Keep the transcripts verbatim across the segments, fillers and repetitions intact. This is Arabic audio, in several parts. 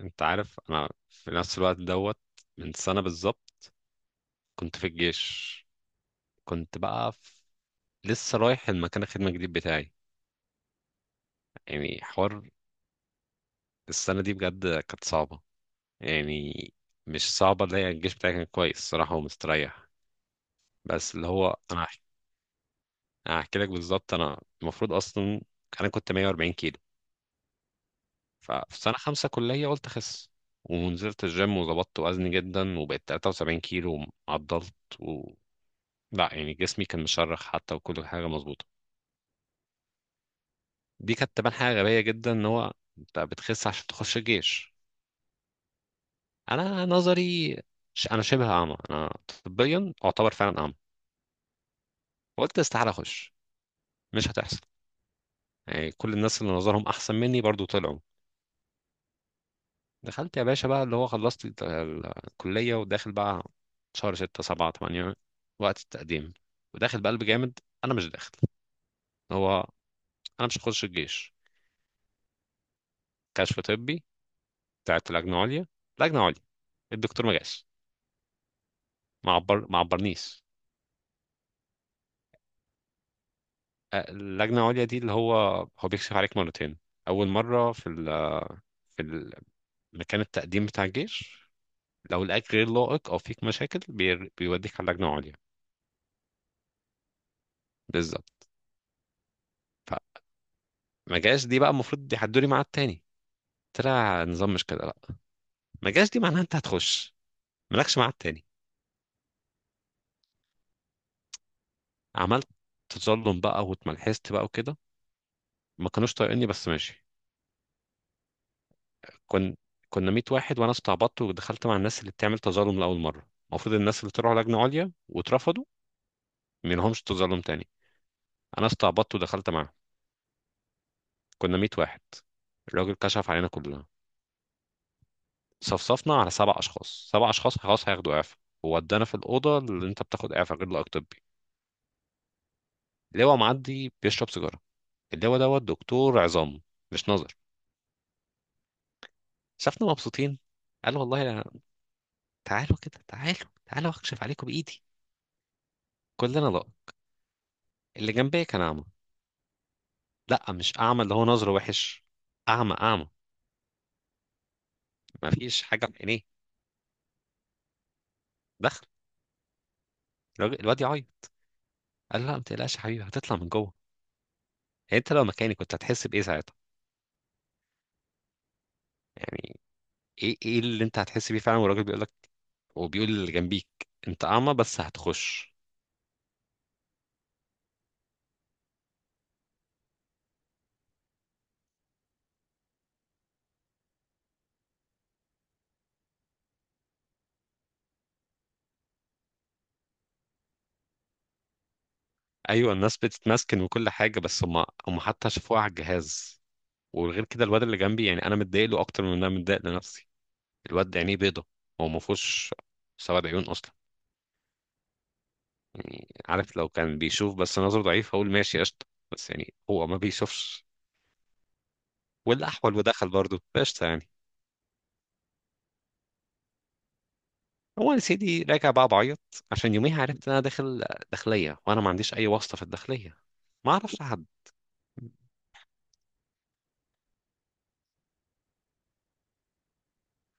انت عارف، انا في نفس الوقت دوت من سنة بالظبط كنت في الجيش. كنت بقى في... لسه رايح المكان الخدمة الجديد بتاعي، يعني حوار. السنة دي بجد كانت صعبة، يعني مش صعبة، اللي هي الجيش بتاعي كان كويس صراحة ومستريح. بس اللي هو انا هحكي انا هحكي لك بالظبط. انا المفروض اصلا انا كنت 140 كيلو، ففي سنة خمسة كلية قلت اخس، ونزلت الجيم وظبطت وزني جدا وبقيت 73 كيلو وعضلت. لا يعني جسمي كان مشرخ حتى وكل حاجه مظبوطه. دي كانت تبان حاجه غبيه جدا ان هو انت بتخس عشان تخش الجيش. انا نظري، ش- انا شبه اعمى، انا طبيا اعتبر فعلا اعمى. قلت استحاله اخش، مش هتحصل، يعني كل الناس اللي نظرهم احسن مني برضو طلعوا. دخلت يا باشا بقى اللي هو خلصت ال- ال- الكليه وداخل بقى، شهر ستة سبعة تمانية وقت التقديم، وداخل بقلب جامد انا مش داخل. هو انا مش هخش الجيش. كشف طبي بتاعت لجنه عليا، لجنه عليا. الدكتور ما جاش، ما عبر ما عبرنيش. آه، اللجنه العليا دي اللي هو هو بيكشف عليك مرتين. اول مره في ال في ال- مكان التقديم بتاع الجيش. لو لقاك غير لائق او فيك مشاكل بير- بيوديك على اللجنه العليا. بالظبط. فما جاش دي، بقى المفروض يحدوا لي ميعاد تاني، طلع نظام مش كده لا، ما جاش دي معناها انت هتخش، مالكش ميعاد تاني. عملت تظلم بقى، واتملحست بقى وكده. ما كانوش طايقيني بس ماشي. كن كنا 100 واحد، وانا استعبطت ودخلت مع الناس اللي بتعمل تظلم لاول مره، المفروض الناس اللي طلعوا لجنه عليا واترفضوا ما لهمش تظلم تاني. انا استعبطت ودخلت معاهم. كنا 100 واحد. الراجل كشف علينا كلنا، صفصفنا على سبع اشخاص، سبع اشخاص خلاص هياخدوا اعفاء، وودانا في الاوضه اللي انت بتاخد اعفاء غير لائق طبي. اللواء معدي بيشرب سيجاره. اللواء دوت دكتور عظام، مش نظر. شافنا مبسوطين، قال: والله أنا- تعالوا كده، تعالوا تعالوا اكشف عليكم بايدي. كلنا لا. اللي جنبي كان اعمى. لا مش اعمى اللي هو نظره وحش، اعمى اعمى، ما فيش حاجه في عينيه. دخل الراجل- الواد يعيط. قال له: لا ما تقلقش يا حبيبي هتطلع من جوه. يعني انت لو مكاني كنت هتحس بايه ساعتها؟ يعني ايه ايه اللي انت هتحس بيه فعلا والراجل بيقول لك، وبيقول اللي جنبيك انت اعمى بس هتخش. ايوه الناس بتتمسكن وكل حاجه، بس هم هم حتى شافوها على الجهاز. وغير كده الواد اللي جنبي، يعني انا متضايق له اكتر من إن انا متضايق لنفسي. الواد ده عينيه بيضه، هو ما فيهوش سواد عيون اصلا. يعني عارف لو كان بيشوف بس نظره ضعيف هقول ماشي قشطة. بس يعني هو ما بيشوفش. والأحول ودخل برضه قشطة يعني. هو يا سيدي راجع بقى بعيط، عشان يوميها عرفت إن أنا داخل داخلية، وأنا ما عنديش أي واسطة في الداخلية، ما أعرفش حد.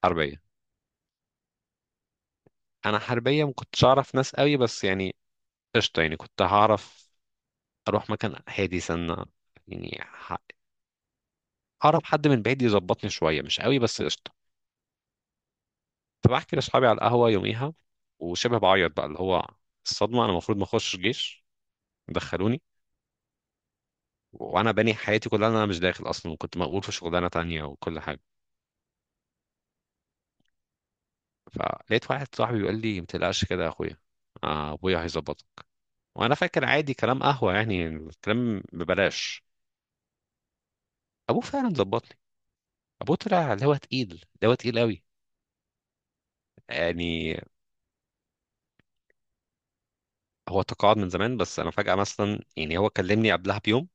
حربية، أنا حربية ما كنتش أعرف ناس قوي، بس يعني قشطة يعني كنت هعرف. أروح مكان هادي سنة يعني، ه- أعرف حد من بعيد يظبطني شوية مش قوي بس قشطة. فبحكي لأصحابي على القهوة يوميها، وشبه بعيط بقى اللي هو الصدمة أنا المفروض ما أخشش جيش، دخلوني. وانا باني حياتي كلها إن انا مش داخل اصلا، وكنت مقبول في شغلانه تانية وكل حاجه. فلقيت واحد صاحبي بيقول لي: ما تقلقش كده يا اخويا، آه، ابويا هيظبطك. وانا فاكر عادي كلام قهوه يعني، الكلام ببلاش. ابوه فعلا ظبط لي. ابوه طلع اللي هو تقيل، اللي هو تقيل قوي يعني. هو تقاعد من زمان بس انا فجاه مثلا يعني، هو كلمني قبلها بيوم،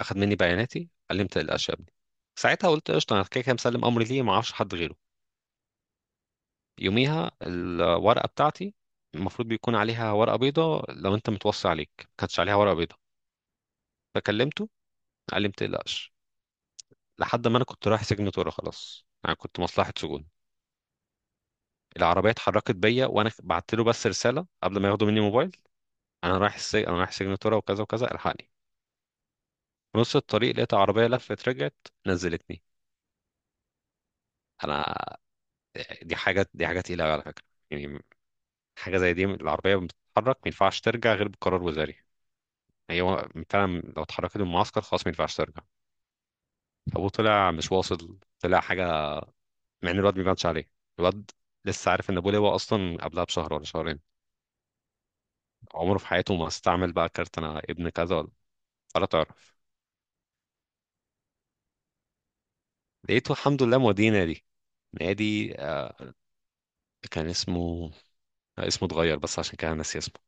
اخد مني بياناتي قال لي: ما تقلقش يا ابني. ساعتها قلت قشطه، انا كده كده مسلم امري، ليه ما اعرفش حد غيره. يوميها الورقة بتاعتي، المفروض بيكون عليها ورقة بيضة لو انت متوصي عليك، ما كانتش عليها ورقة بيضة. فكلمته، قال لي: ما تقلقش. لحد ما انا كنت رايح سجن طورة، خلاص انا كنت مصلحة سجون، العربية اتحركت بيا وانا بعت له بس رسالة قبل ما ياخدوا مني موبايل: انا رايح السجن، انا رايح سجن طورة وكذا وكذا، الحقني. في نص الطريق لقيت عربية لفت، رجعت، نزلتني انا. دي حاجة، دي حاجة تقيلة أوي على فكرة، يعني حاجة زي دي العربية بتتحرك ما ينفعش ترجع غير بقرار وزاري. هي هو فعلا لو اتحركت من المعسكر خلاص ما ينفعش ترجع. ابوه طلع مش واصل، طلع حاجه. مع ان الواد ما بانش عليه، الواد لسه عارف ان ابوه لواء اصلا قبلها بشهر ولا شهرين، عمره في حياته ما استعمل بقى كارت انا ابن كذا ولا ولا تعرف. لقيته الحمد لله موديه نادي. نادي. آه، كان اسمه آه، اسمه اتغير بس عشان كده أنا ناسي اسمه.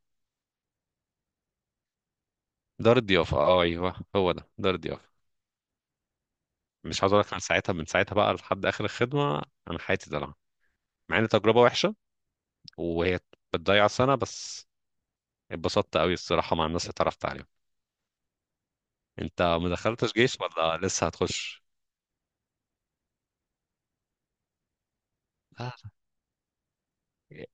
دار الضيافه، اه ايوه هو ده، دار الضيافه. مش عاوز اقول لك، انا ساعتها من ساعتها بقى لحد اخر الخدمه انا حياتي دلع، مع ان تجربه وحشه وهي بتضيع سنه، بس اتبسطت قوي الصراحة مع الناس اللي اتعرفت عليهم. انت ما دخلتش جيش ولا لسه هتخش؟ لا لا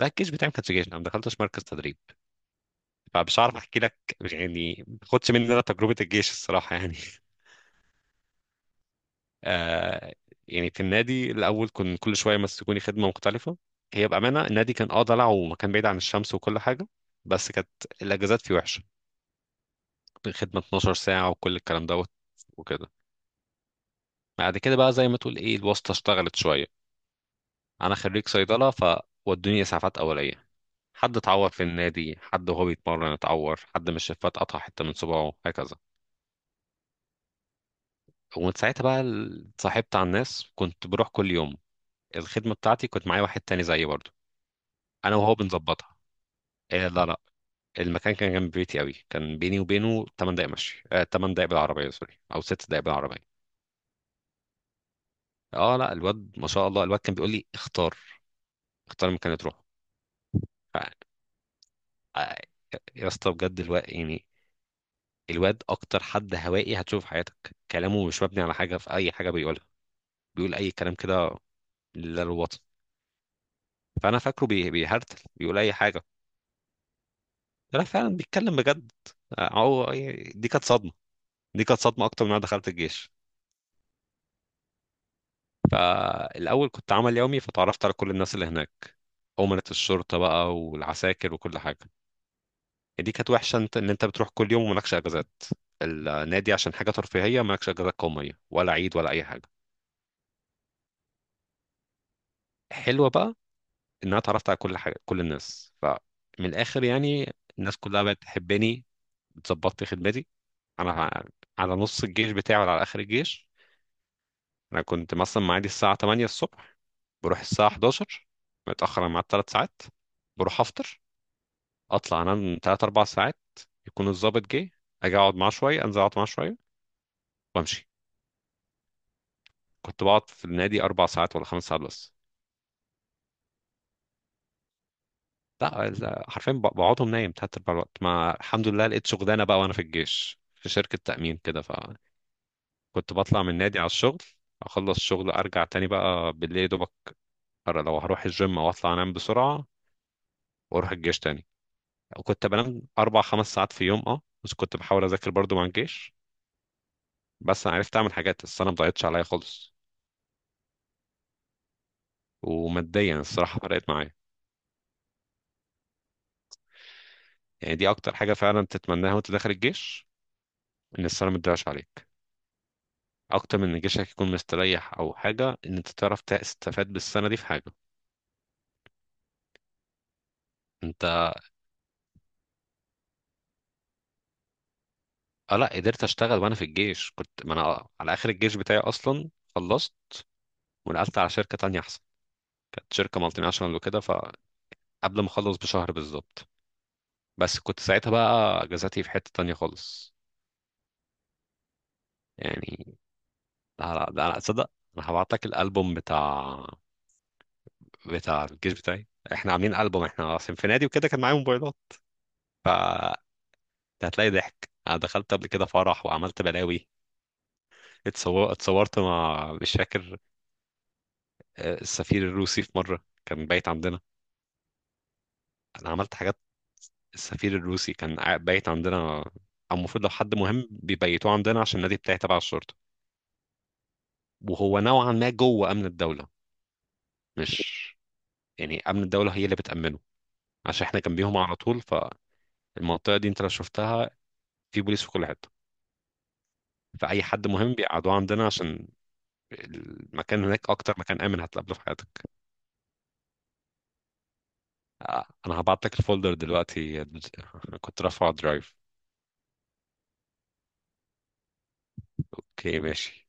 لا، الجيش بتاعي ما كانش جيش، انا ما دخلتش مركز تدريب، فمش عارف احكي لك. يعني ما خدش مني انا تجربة الجيش الصراحة يعني آه. يعني في النادي الاول كنت كل شوية يمسكوني خدمة مختلفة. هي بأمانة النادي كان اه ضلع ومكان بعيد عن الشمس وكل حاجة. بس كانت الاجازات فيه وحشة، خدمة 12 ساعة وكل الكلام دوت وكده. بعد كده بقى زي ما تقول ايه، الواسطة اشتغلت شوية. انا خريج صيدلة، ف ودوني اسعافات اوليه. حد اتعور في النادي، حد وهو بيتمرن اتعور، حد من الشفات قطع حتة من صباعه هكذا. ومن ساعتها بقى ال- اتصاحبت على الناس، كنت بروح كل يوم. الخدمة بتاعتي كنت معايا واحد تاني زيي برضو، انا وهو بنظبطها. إيه لا لا، المكان كان جنب بيتي قوي، كان بيني وبينه 8 دقايق مشي، آه 8 دقايق بالعربية، سوري او 6 دقايق بالعربية. اه لا الواد ما شاء الله، الواد كان بيقول لي: اختار، اختار المكان اللي تروحه. ف- آه، يا اسطى بجد الواد يعني، الواد اكتر حد هوائي هتشوفه في حياتك، كلامه مش مبني على حاجة، في اي حاجة بيقولها بيقول اي كلام كده للوطن. فانا فاكره بي- بيهرتل بيقول اي حاجه، لا فعلا بيتكلم بجد. آه، هو دي كانت صدمه، دي كانت صدمه اكتر من انا دخلت الجيش. فالاول كنت عمل يومي، فتعرفت على كل الناس اللي هناك، أمنة الشرطة بقى والعساكر وكل حاجة. دي كانت وحشة، انت ان انت بتروح كل يوم ومالكش اجازات، النادي عشان حاجة ترفيهية مالكش اجازات قومية ولا عيد ولا اي حاجة. حلوة بقى ان انا اتعرفت على كل حاجة كل الناس فمن الاخر يعني، الناس كلها بقت تحبني. ظبطت خدمتي انا ع- على نص الجيش بتاعي ولا على اخر الجيش. انا كنت مثلا معادي الساعه تمانية الصبح، بروح الساعه احد عشر، متاخر عن ميعاد 3 ساعات، بروح افطر، اطلع انام ثلاثة 4 ساعات، يكون الضابط جه، اجي اقعد معاه شويه، انزل اقعد معاه شويه، وامشي. كنت بقعد في النادي اربع ساعات ولا خمس ساعات بس. لا لا، حرفيا ب- بقعدهم نايم تلات ارباع الوقت. ما الحمد لله لقيت شغلانه بقى وانا في الجيش في شركه تامين كده، فكنت بطلع من النادي على الشغل، اخلص الشغل ارجع تاني بقى بالليل دوبك لو هروح الجيم، واطلع انام بسرعه واروح الجيش تاني. كنت بنام اربع خمس ساعات في يوم اه بس كنت بحاول اذاكر برضو مع الجيش. بس انا عرفت اعمل حاجات، السنه ما ضاعتش عليا خالص. وماديا الصراحه فرقت معايا، يعني دي اكتر حاجه فعلا تتمناها وانت داخل الجيش، ان السنه ما تضيعش عليك اكتر من ان جيشك يكون مستريح او حاجه، ان انت تعرف تستفاد بالسنه دي في حاجه. انت اه لا قدرت اشتغل وانا في الجيش. كنت ما انا آه، على اخر الجيش بتاعي اصلا خلصت، ونقلت على شركه تانية احسن، كانت شركه مالتي ناشونال وكده. ف قبل ما اخلص بشهر بالظبط، بس كنت ساعتها بقى اجازاتي في حتة تانية خالص يعني. لا لا لا لا، تصدق، انا هبعت لك الالبوم بتاع بتاع الجيش بتاعي، احنا عاملين البوم، احنا اصلا في نادي وكده كان معايا موبايلات، ف هتلاقي ضحك، انا دخلت قبل كده فرح وعملت بلاوي. اتصور... اتصورت مع، مش فاكر، آه، السفير الروسي في مرة كان بايت عندنا. انا عملت حاجات. السفير الروسي كان قاعد- بايت عندنا، او المفروض لو حد مهم بيبيتوه عندنا عشان النادي بتاعي تبع الشرطة، وهو نوعا ما جوه امن الدوله، مش يعني امن الدوله هي اللي بتامنه، عشان احنا جنبيهم على طول. فالمنطقه دي انت لو شفتها، في بوليس في كل حته. فاي حد مهم بيقعدوه عندنا عشان المكان هناك اكتر مكان امن هتقابله في حياتك. آه، انا هبعت لك الفولدر دلوقتي أنا كنت رافعه درايف. اوكي ماشي.